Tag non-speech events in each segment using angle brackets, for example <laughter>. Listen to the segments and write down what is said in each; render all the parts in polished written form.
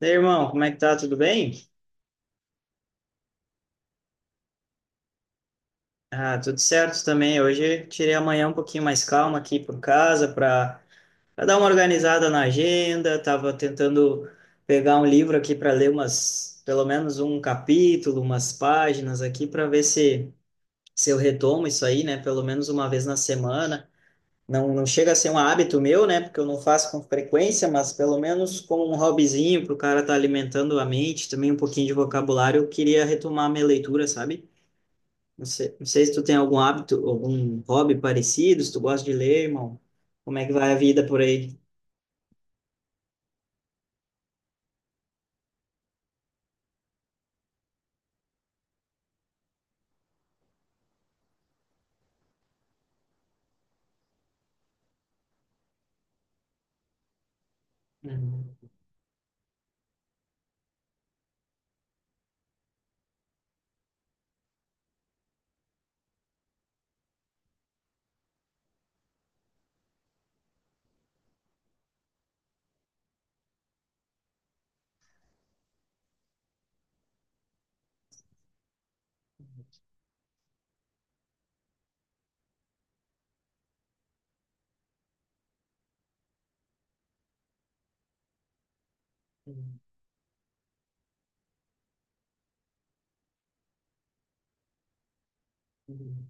E aí, irmão, como é que tá? Tudo bem? Ah, tudo certo também. Hoje tirei amanhã um pouquinho mais calma aqui por casa para dar uma organizada na agenda. Tava tentando pegar um livro aqui para ler pelo menos um capítulo, umas páginas aqui para ver se eu retomo isso aí, né? Pelo menos uma vez na semana. Não, não chega a ser um hábito meu, né? Porque eu não faço com frequência, mas pelo menos como um hobbyzinho para o cara estar alimentando a mente, também um pouquinho de vocabulário, eu queria retomar a minha leitura, sabe? Não sei se tu tem algum hábito, algum hobby parecido, se tu gosta de ler, irmão. Como é que vai a vida por aí? Uhum, uhum, uhum.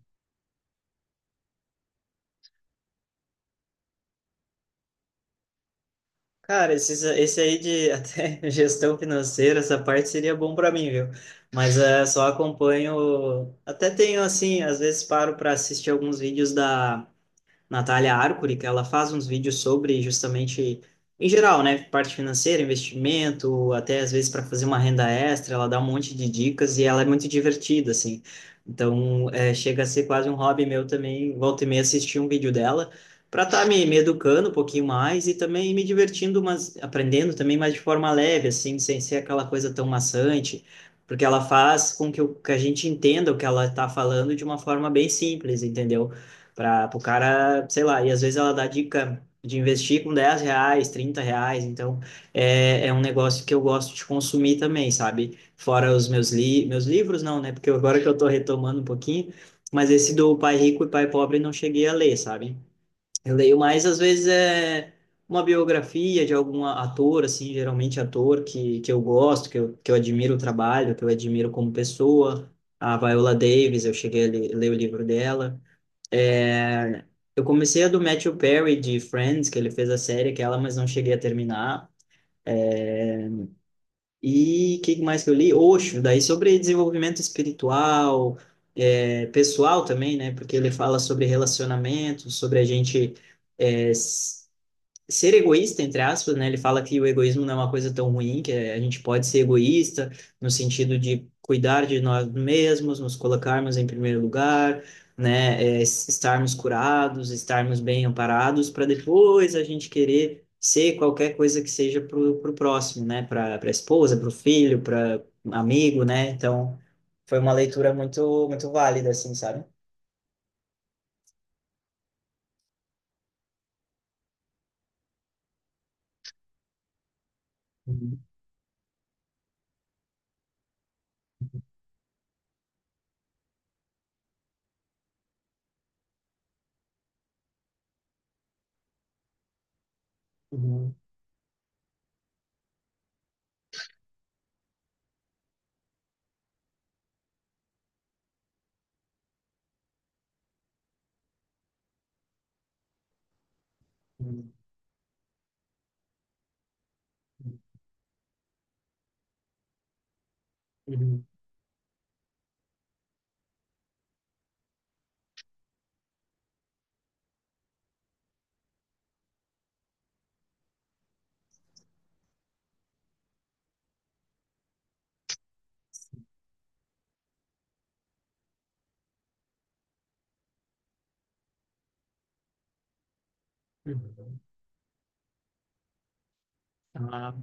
Cara, esse aí de <laughs> até gestão financeira, essa parte seria bom para mim, viu? Mas é, só acompanho, até tenho assim, às vezes paro para assistir alguns vídeos da Natália Arcuri, que ela faz uns vídeos sobre justamente, em geral, né, parte financeira, investimento, até às vezes para fazer uma renda extra, ela dá um monte de dicas e ela é muito divertida, assim. Então, é, chega a ser quase um hobby meu também, volta e meia assistir um vídeo dela, para estar me educando um pouquinho mais e também me divertindo, mas aprendendo também, mas de forma leve, assim, sem ser aquela coisa tão maçante. Porque ela faz com que, que a gente entenda o que ela está falando de uma forma bem simples, entendeu? Para o cara, sei lá, e às vezes ela dá dica de investir com 10 reais, 30 reais, então é um negócio que eu gosto de consumir também, sabe? Fora li meus livros, não, né? Porque agora que eu tô retomando um pouquinho, mas esse do Pai Rico e Pai Pobre não cheguei a ler, sabe? Eu leio mais, às vezes, é uma biografia de algum ator, assim, geralmente ator que eu gosto, que eu admiro o trabalho, que eu admiro como pessoa. A Viola Davis, eu cheguei a ler o livro dela. É, eu comecei a do Matthew Perry de Friends, que ele fez a série aquela, mas não cheguei a terminar. E o que mais que eu li? Osho, daí sobre desenvolvimento espiritual, pessoal também, né? Porque ele fala sobre relacionamento, sobre a gente é, s- ser egoísta, entre aspas, né? Ele fala que o egoísmo não é uma coisa tão ruim, que a gente pode ser egoísta no sentido de cuidar de nós mesmos, nos colocarmos em primeiro lugar, né? Estarmos curados, estarmos bem amparados, para depois a gente querer ser qualquer coisa que seja para o próximo, né? Para a esposa, para o filho, para amigo, né? Então, foi uma leitura muito, muito válida, assim, sabe? Uhum, uhum, uhum, uhum, uhum. Ah,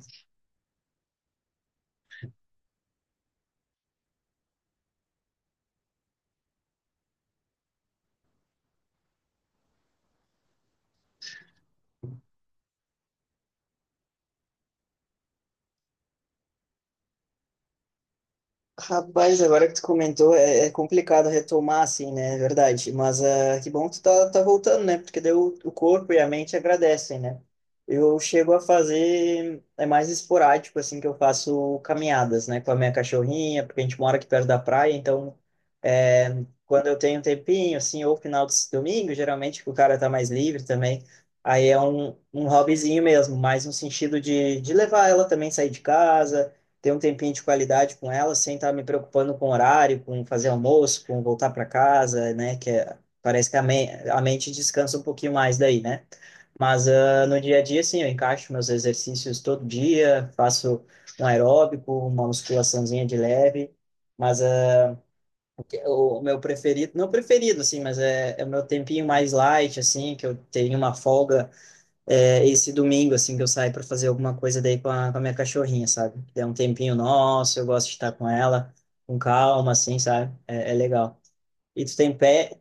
rapaz, agora que tu comentou, é complicado retomar assim, né? É verdade. Mas ah, que bom que tu tá voltando, né? Porque daí o corpo e a mente agradecem, né? Eu chego a fazer, é mais esporádico, assim, que eu faço caminhadas, né? Com a minha cachorrinha, porque a gente mora aqui perto da praia, então é, quando eu tenho um tempinho, assim, ou final de domingo, geralmente que o cara tá mais livre também, aí é um hobbyzinho mesmo, mais no sentido de levar ela também, sair de casa ter um tempinho de qualidade com ela, sem estar me preocupando com horário, com fazer almoço, com voltar para casa, né? Parece que a mente descansa um pouquinho mais daí, né? Mas ah, no dia a dia, sim, eu encaixo meus exercícios todo dia, faço um aeróbico, uma musculaçãozinha de leve, mas ah, o meu preferido, não preferido, assim, mas é o meu tempinho mais light, assim, que eu tenho uma folga esse domingo, assim, que eu saio para fazer alguma coisa daí com a minha cachorrinha, sabe? É um tempinho nosso, eu gosto de estar com ela, com calma, assim, sabe? É legal. E tu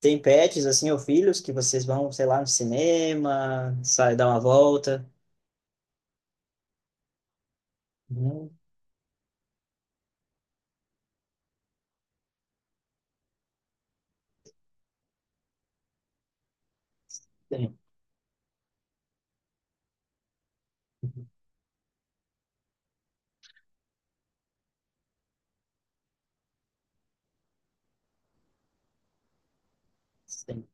tem pets, assim, ou filhos que vocês vão, sei lá, no cinema, sai dar uma volta? Hum, tem. Sim.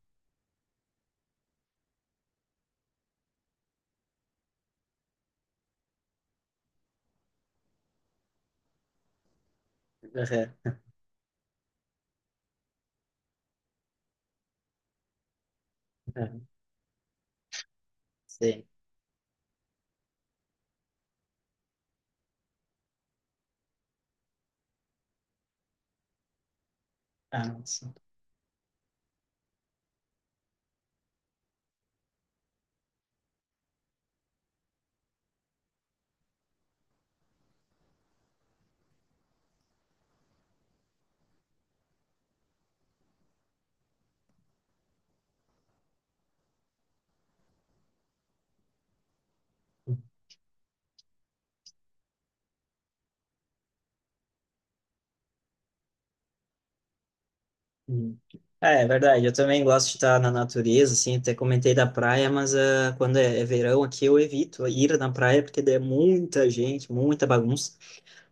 <laughs> Aham, aham, sim. Ah, sim. Hum. É verdade, eu também gosto de estar na natureza, assim, até comentei da praia, mas ah, quando é verão aqui eu evito ir na praia, porque daí é muita gente, muita bagunça,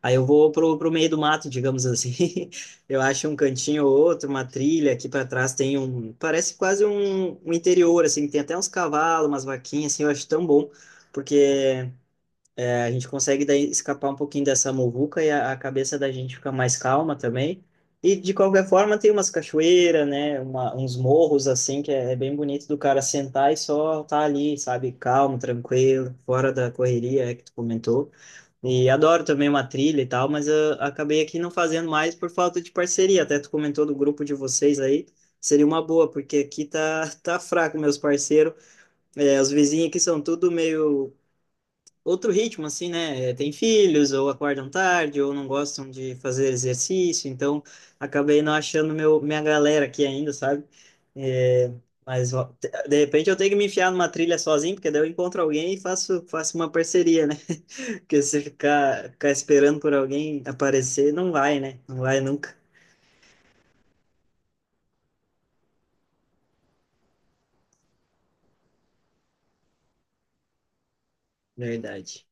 aí eu vou pro meio do mato, digamos assim, <laughs> eu acho um cantinho ou outro, uma trilha, aqui para trás tem parece quase um interior, assim, tem até uns cavalos, umas vaquinhas, assim, eu acho tão bom, porque a gente consegue daí escapar um pouquinho dessa muvuca e a cabeça da gente fica mais calma também. E de qualquer forma tem umas cachoeiras, né, uns morros assim que é bem bonito do cara sentar e só tá ali, sabe, calmo, tranquilo, fora da correria, é que tu comentou. E adoro também uma trilha e tal, mas eu acabei aqui não fazendo mais por falta de parceria. Até tu comentou do grupo de vocês aí, seria uma boa, porque aqui tá <laughs> tá fraco meus parceiros. É, os vizinhos aqui são tudo meio outro ritmo, assim, né? É, tem filhos, ou acordam tarde, ou não gostam de fazer exercício, então acabei não achando minha galera aqui ainda, sabe? É, mas ó, de repente eu tenho que me enfiar numa trilha sozinho, porque daí eu encontro alguém e faço uma parceria, né? <laughs> Porque se ficar esperando por alguém aparecer, não vai, né? Não vai nunca. Verdade.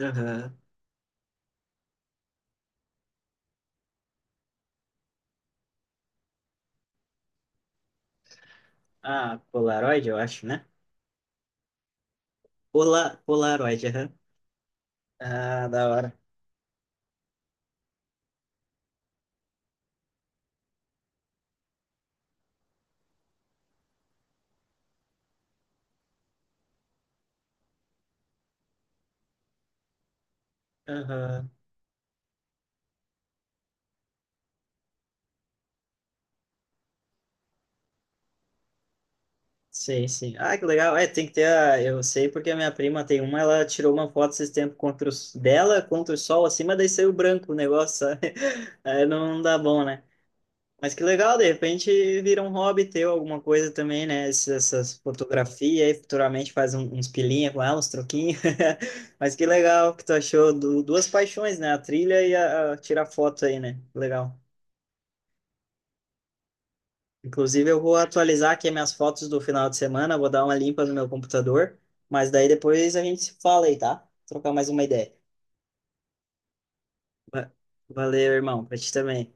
Aham. Ah, Polaroid, eu acho, né? Polaroid, aham. Ah, da hora. Aham. Sim, sim. Ah, que legal. É, tem que ter. Eu sei porque a minha prima tem uma, ela tirou uma foto esses tempos dela, contra o sol, assim, mas daí saiu branco o negócio, sabe? <laughs> Aí não dá bom, né? Mas que legal, de repente vira um hobby teu, alguma coisa também, né? Essas fotografias, aí futuramente faz uns pilinha com ela, uns troquinhos. <laughs> Mas que legal que tu achou duas paixões, né? A trilha e a tirar foto aí, né? Legal. Inclusive, eu vou atualizar aqui minhas fotos do final de semana, vou dar uma limpa no meu computador, mas daí depois a gente se fala aí, tá? Trocar mais uma ideia. Va- Valeu, irmão, pra ti também.